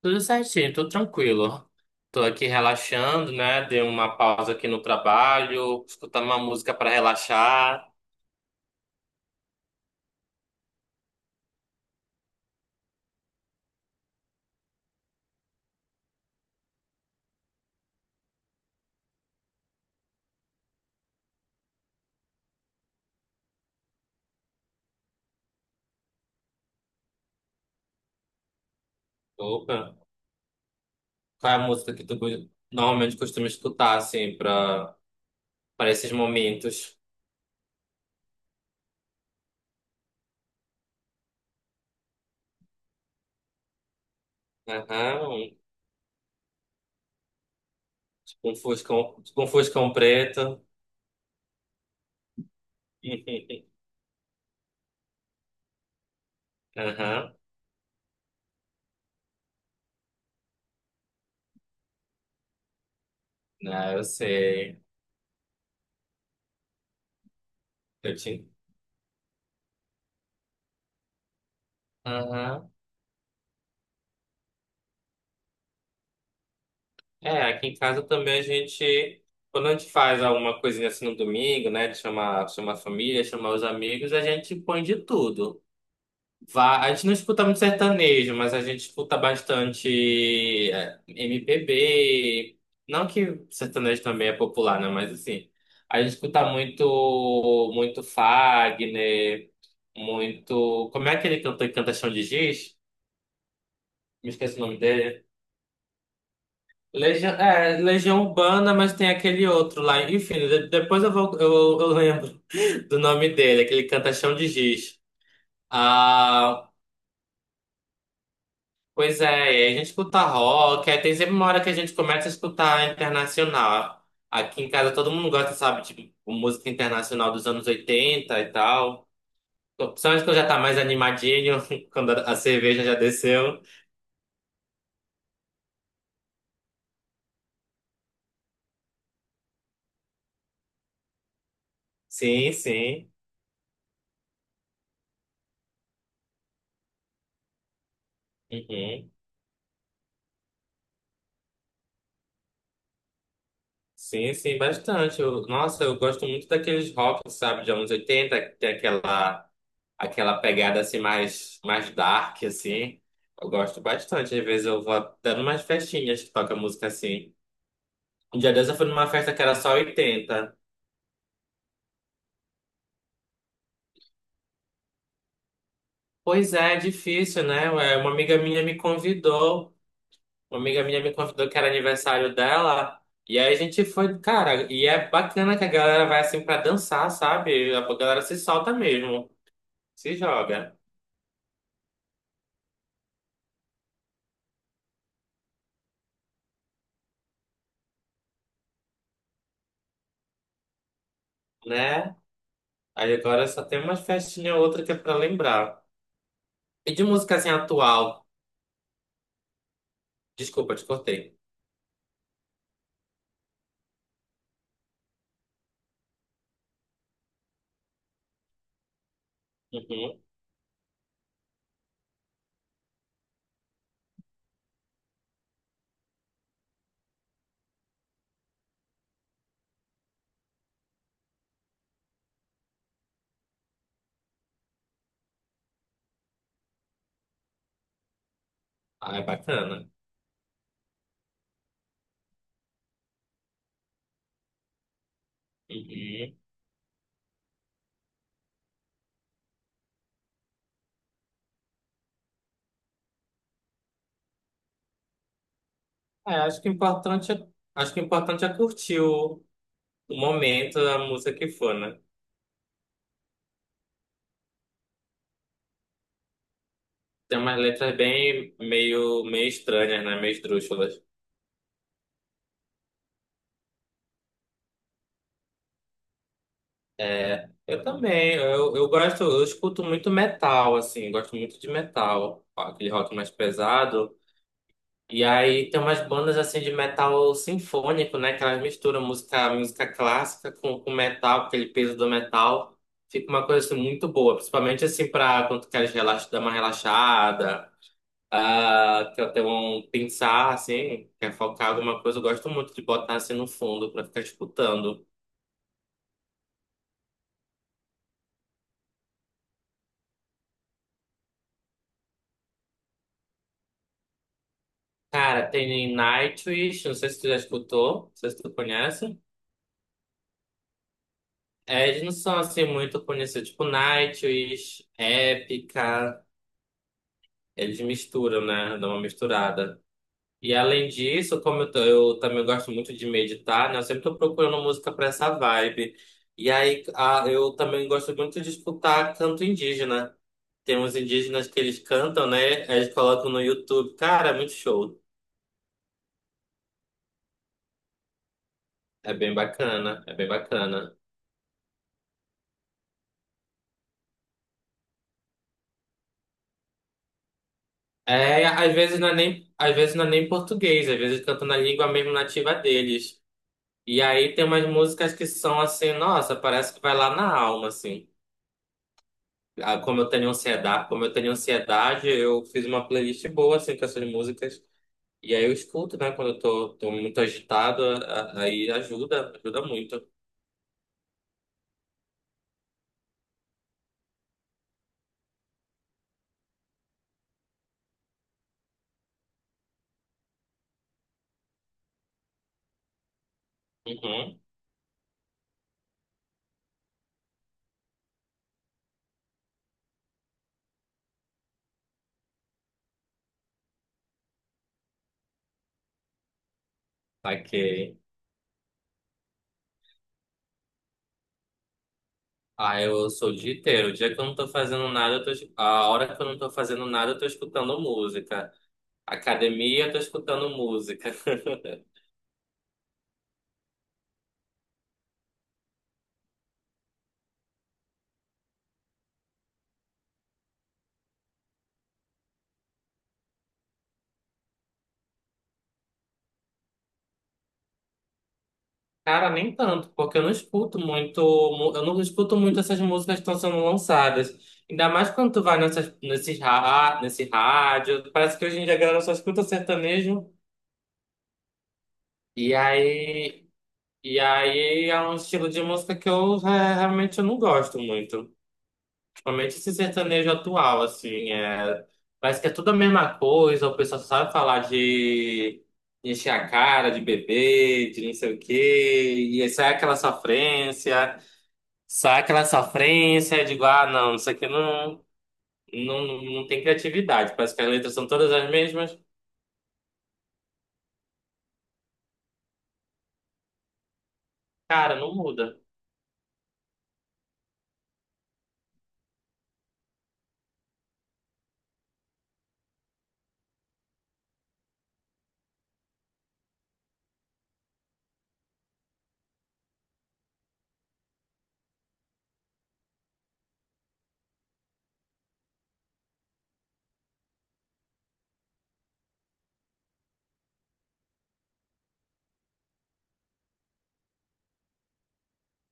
Tudo certinho, tô tranquilo. Tô aqui relaxando, né? Dei uma pausa aqui no trabalho, escutando uma música para relaxar. Opa, qual é a música que normalmente costuma escutar, assim, para esses momentos? Aham, um- tipo um fuscão preto. Aham, ah, eu sei. Eu te... Aham. É, aqui em casa também a gente, quando a gente faz alguma coisinha assim no domingo, né, de chamar, chamar a família, chamar os amigos, a gente põe de tudo. Vá, a gente não escuta muito sertanejo, mas a gente escuta bastante é, MPB. Não que sertanejo também é popular, né, mas assim, a gente escuta muito, muito Fagner, muito. Como é aquele cantor que canta Chão de Giz? Me esqueci o nome dele. Legião, é, Legião Urbana, mas tem aquele outro lá. Enfim, depois eu vou, eu lembro do nome dele, aquele que canta Chão de Giz. Ah, pois é, e aí a gente escuta rock, aí tem sempre uma hora que a gente começa a escutar internacional. Aqui em casa todo mundo gosta, sabe, de música internacional dos anos 80 e tal. Principalmente quando já tá mais animadinho, quando a cerveja já desceu. Sim, sim. Uhum. Sim, sim, bastante. Eu- nossa, eu gosto muito daqueles rock, sabe, de anos 80 que tem aquela, aquela pegada assim mais, mais dark, assim. Eu gosto bastante. Às vezes eu vou até numas festinhas que toca música assim. Um dia desse eu fui numa festa que era só oitenta. Pois é, é difícil, né? Ué, uma amiga minha me convidou. Uma amiga minha me convidou que era aniversário dela. E aí a gente foi, cara, e é bacana que a galera vai assim pra dançar, sabe? A galera se solta mesmo, se joga, né? Aí agora só tem uma festinha ou outra que é pra lembrar. E de música assim atual? Desculpa, te cortei. Uhum. Ah, é bacana. Uhum. É, acho que o importante é, acho que o importante é curtir o momento, a música que for, né? Tem umas letras bem meio, meio estranhas, né? Meio esdrúxulas. É, eu também. Eu gosto, eu escuto muito metal, assim, gosto muito de metal. Aquele rock mais pesado. E aí tem umas bandas assim de metal sinfônico, né? Que elas misturam música, música clássica com metal, com aquele peso do metal. Fica uma coisa assim, muito boa, principalmente assim pra quando tu queres relax, dar uma relaxada, ah, quer ter um pensar assim, quer focar alguma coisa. Eu gosto muito de botar assim no fundo pra ficar escutando. Cara, tem Nightwish, não sei se tu já escutou, não sei se tu conhece. É, eles não são assim muito conhecidos, tipo Nightwish, Epica. Eles misturam, né? Dá uma misturada. E além disso, eu também gosto muito de meditar, né? Eu sempre tô procurando música para essa vibe. E aí, a- eu também gosto muito de escutar canto indígena. Tem uns indígenas que eles cantam, né? Aí eles colocam no YouTube. Cara, é muito show. É bem bacana, é bem bacana. É, às vezes não é nem, às vezes não é nem português, às vezes cantam na língua mesmo nativa deles. E aí tem umas músicas que são assim, nossa, parece que vai lá na alma, assim. Ah, como eu tenho ansiedade, como eu tenho ansiedade, eu fiz uma playlist boa assim com essas músicas. E aí eu escuto, né? Quando eu tô muito agitado, a- aí ajuda, ajuda muito. Uhum. Saquei. Ah, eu sou o dia inteiro. O dia que eu não tô fazendo nada, a hora que eu não tô fazendo nada, eu tô escutando música. Academia, eu tô escutando música. Cara, nem tanto, porque eu não escuto muito, mu- eu não escuto muito essas músicas que estão sendo lançadas. Ainda mais quando tu vai nessas, nesses, ra- nesse rádio, parece que hoje em dia a galera só escuta sertanejo. E aí, e aí é um estilo de música que eu re- realmente eu não gosto muito. Principalmente esse sertanejo atual, assim, é, parece que é tudo a mesma coisa, o pessoal só sabe falar de encher a cara, de beber, de não sei o quê, e isso é aquela sofrência. Só aquela sofrência, eu digo, ah, não, isso aqui não, não, não tem criatividade. Parece que as letras são todas as mesmas. Cara, não muda.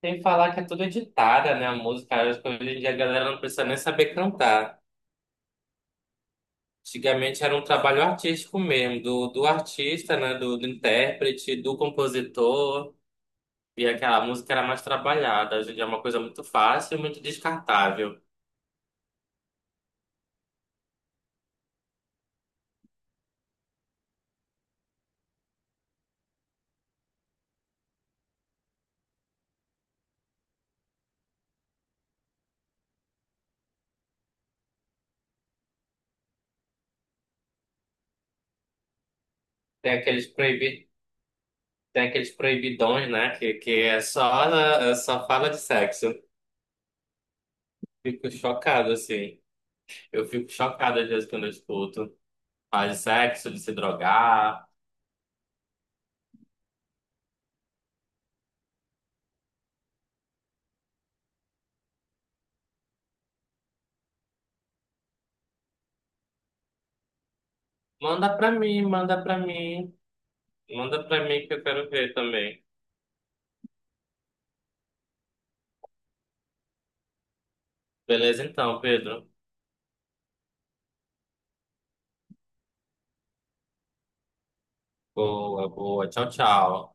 Tem que falar que é tudo editada, né? A música, acho que hoje em dia a galera não precisa nem saber cantar. Antigamente era um trabalho artístico mesmo, do artista, né? Do intérprete, do compositor. E aquela música era mais trabalhada. Hoje em dia é uma coisa muito fácil e muito descartável. Tem aqueles proibi... Tem aqueles proibidões, né? Que é só fala de sexo. Fico chocado, assim. Eu fico chocado às vezes quando eu escuto faz sexo, de se drogar. Manda pra mim, manda pra mim. Manda pra mim que eu quero ver também. Beleza então, Pedro. Boa, boa. Tchau, tchau.